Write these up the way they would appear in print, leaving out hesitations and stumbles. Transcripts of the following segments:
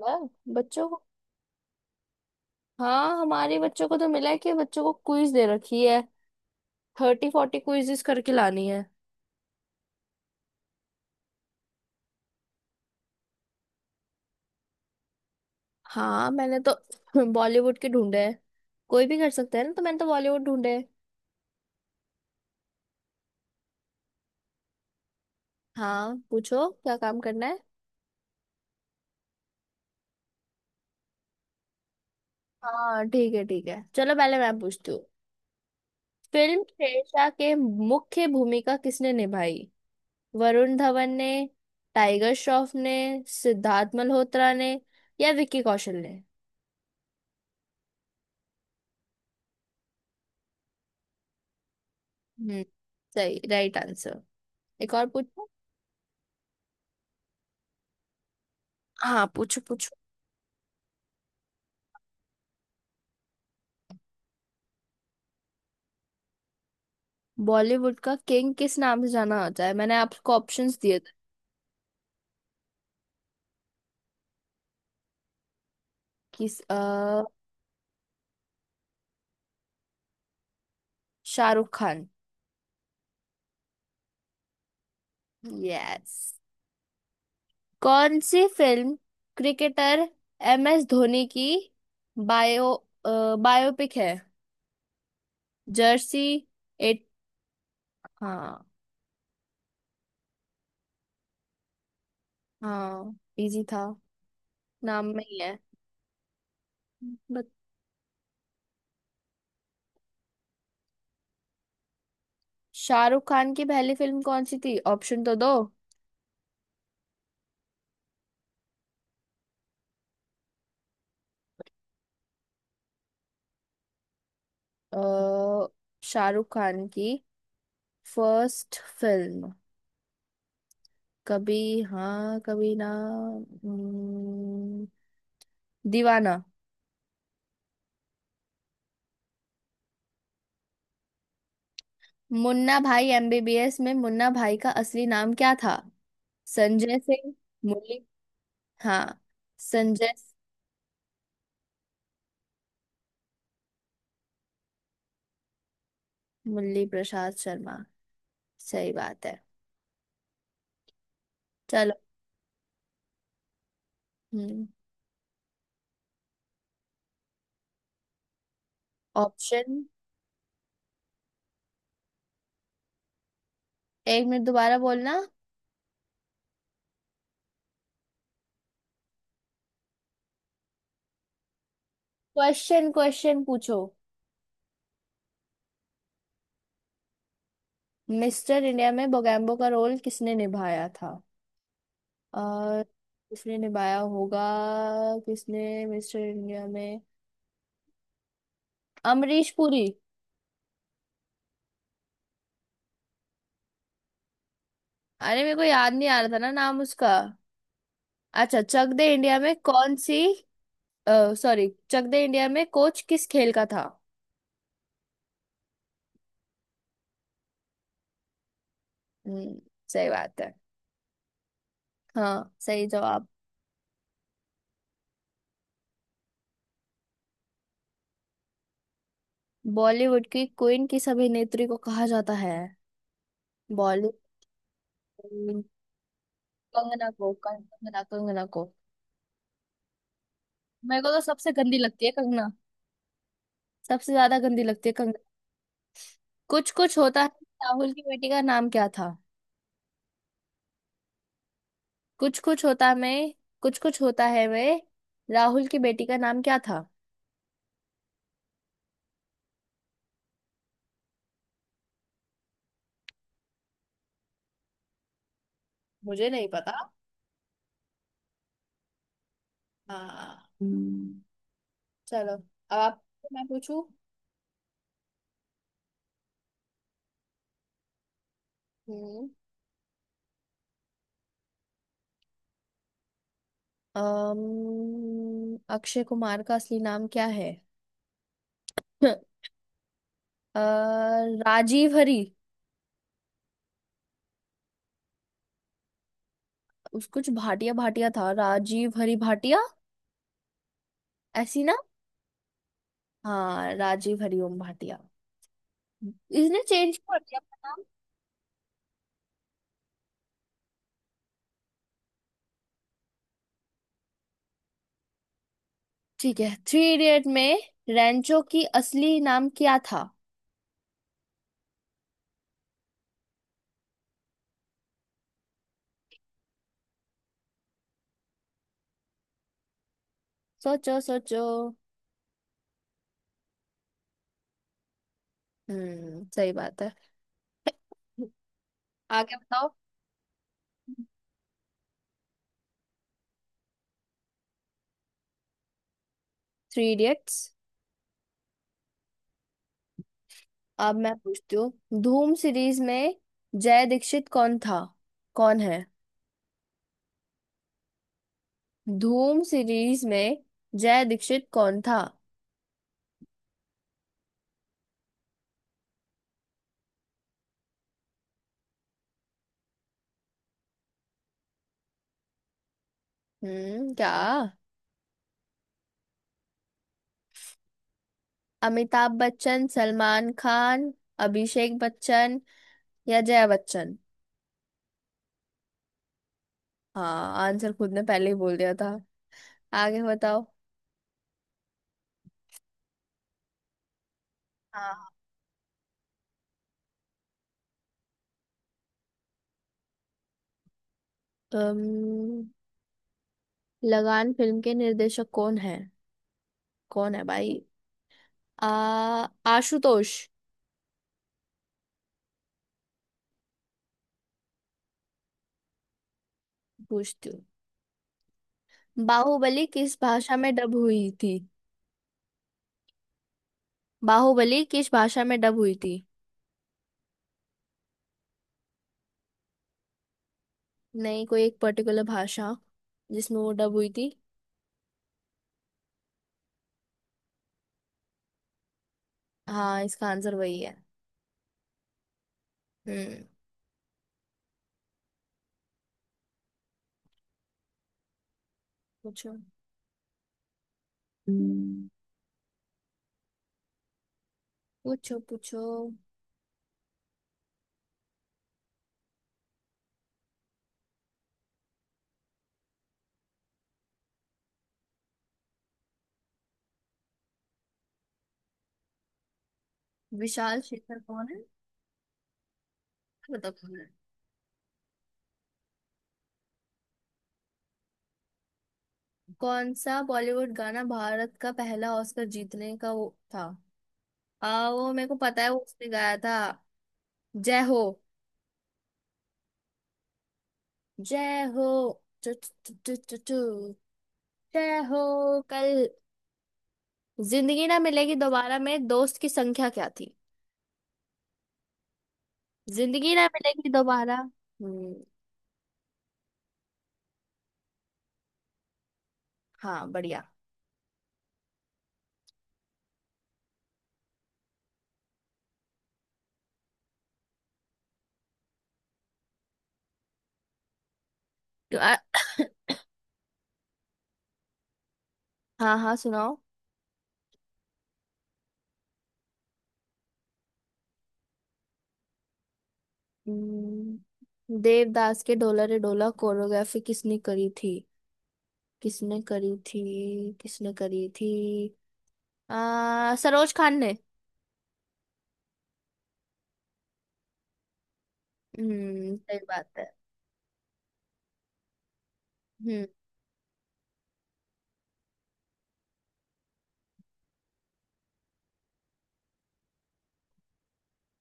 है? बच्चों को। हाँ हमारे बच्चों को तो मिला है कि बच्चों को क्विज दे रखी है। थर्टी फोर्टी क्विजेस करके लानी है। हाँ मैंने तो बॉलीवुड के ढूंढे हैं। कोई भी कर सकता है ना, तो मैंने तो बॉलीवुड ढूंढे हैं। हाँ पूछो, क्या काम करना है। हाँ ठीक है, ठीक है, चलो पहले मैं पूछती हूँ। फिल्म शेरशाह के मुख्य भूमिका किसने निभाई? वरुण धवन ने? टाइगर श्रॉफ ने? सिद्धार्थ मल्होत्रा ने? या विक्की कौशल ने? हम्म। सही राइट आंसर। एक और पूछ। हाँ पूछो, पूछो। बॉलीवुड का किंग किस नाम से जाना होता है, मैंने आपको ऑप्शंस दिए थे। किस। शाहरुख खान। यस। कौन सी film? Cricketer M S Dhoni की बायो बायोपिक है। जर्सी? एट? हाँ। हाँ इजी था। नाम में ही है। बट शाहरुख खान की पहली फिल्म कौन सी थी? ऑप्शन तो दो। अ, शाहरुख खान की फर्स्ट फिल्म कभी हाँ कभी ना? हम्म, दीवाना। मुन्ना भाई एमबीबीएस में मुन्ना भाई का असली नाम क्या था? संजय सिंह? मुरली? हाँ संजय? मुरली प्रसाद शर्मा। सही बात है। चलो। हम्म। ऑप्शन। एक मिनट, दोबारा बोलना। क्वेश्चन क्वेश्चन पूछो। मिस्टर इंडिया में बोगैम्बो का रोल किसने निभाया था? और किसने निभाया होगा, किसने? मिस्टर इंडिया में अमरीश पुरी। अरे मेरे को याद नहीं आ रहा था ना, नाम उसका। अच्छा, चक दे इंडिया में कौन सी? सॉरी, चक दे इंडिया में कोच किस खेल का था? हम्म। सही बात है। हाँ सही जवाब। बॉलीवुड की क्वीन किस अभिनेत्री को कहा जाता है? बॉलीवुड। कंगना को। कंगना कंगना को। मेरे को तो सबसे गंदी लगती है कंगना। सबसे ज्यादा गंदी लगती है कंगना। कुछ कुछ होता है। राहुल की बेटी का नाम क्या था? कुछ कुछ होता, मैं। कुछ कुछ होता है वे। राहुल की बेटी का नाम क्या था? मुझे नहीं पता। हाँ। हम्म, चलो अब आप। मैं पूछू। हम्म। अक्षय कुमार का असली नाम क्या है? अ, राजीव हरी। उस कुछ भाटिया भाटिया था, राजीव हरी भाटिया। ऐसी ना? हाँ राजीव हरी ओम भाटिया। इसने चेंज कर दिया अपना नाम। ठीक है, थ्री इडियट में रैंचो की असली नाम क्या था? सोचो सोचो। हम्म। सही बात है। आगे बताओ। Three idiots. अब मैं पूछती हूँ। धूम सीरीज में जय दीक्षित कौन था? कौन है? धूम सीरीज में जय दीक्षित कौन था? हम्म, क्या? अमिताभ बच्चन? सलमान खान? अभिषेक बच्चन? या जया बच्चन? हाँ आंसर खुद ने पहले ही बोल दिया था। आगे बताओ। हाँ। अम्म, लगान फिल्म के निर्देशक कौन है? कौन है भाई? आ आशुतोष। पूछती हूँ। बाहुबली किस भाषा में डब हुई थी? बाहुबली किस भाषा में डब हुई थी? नहीं, कोई एक पर्टिकुलर भाषा जिसमें वो डब हुई थी। हाँ इसका आंसर वही है। हम्म। पूछो। हम्म, पूछो पूछो। विशाल शेखर कौन है? बताओ कौन है। कौन सा बॉलीवुड गाना भारत का पहला ऑस्कर जीतने का वो था? वो मेरे को पता है, वो उसने गाया था। जय हो। जय हो। टु, टु, टु, टु, टु, जय हो। कल। जिंदगी ना मिलेगी दोबारा में दोस्त की संख्या क्या थी? जिंदगी ना मिलेगी दोबारा। हम्म। हाँ बढ़िया। तो हाँ हाँ सुनाओ। हम्म, देवदास के ढोला रे ढोला कोरियोग्राफी किसने करी थी? किसने करी थी? किसने करी थी? सरोज खान ने। हम्म, सही बात है। हम्म।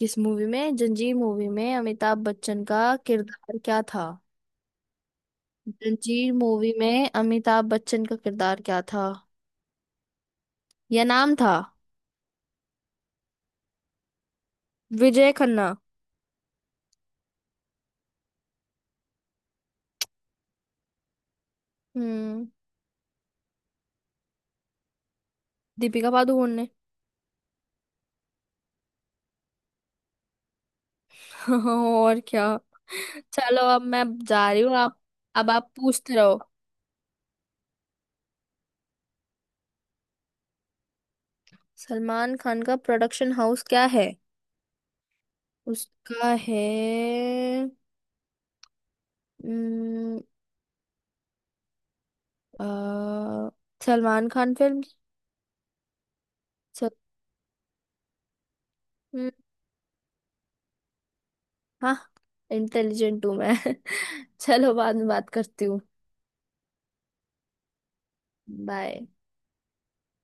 किस मूवी में? जंजीर मूवी में अमिताभ बच्चन का किरदार क्या था? जंजीर मूवी में अमिताभ बच्चन का किरदार क्या था? या नाम था? विजय खन्ना। हम्म। दीपिका पादुकोण ने। और क्या। चलो, अब मैं जा रही हूँ, आप। अब आप पूछते रहो। सलमान खान का प्रोडक्शन हाउस क्या है? उसका है। हम्म, अ, सलमान खान फिल्म। सल, हम्म, हाँ। इंटेलिजेंट हूँ मैं। चलो बाद में बात करती हूँ। बाय।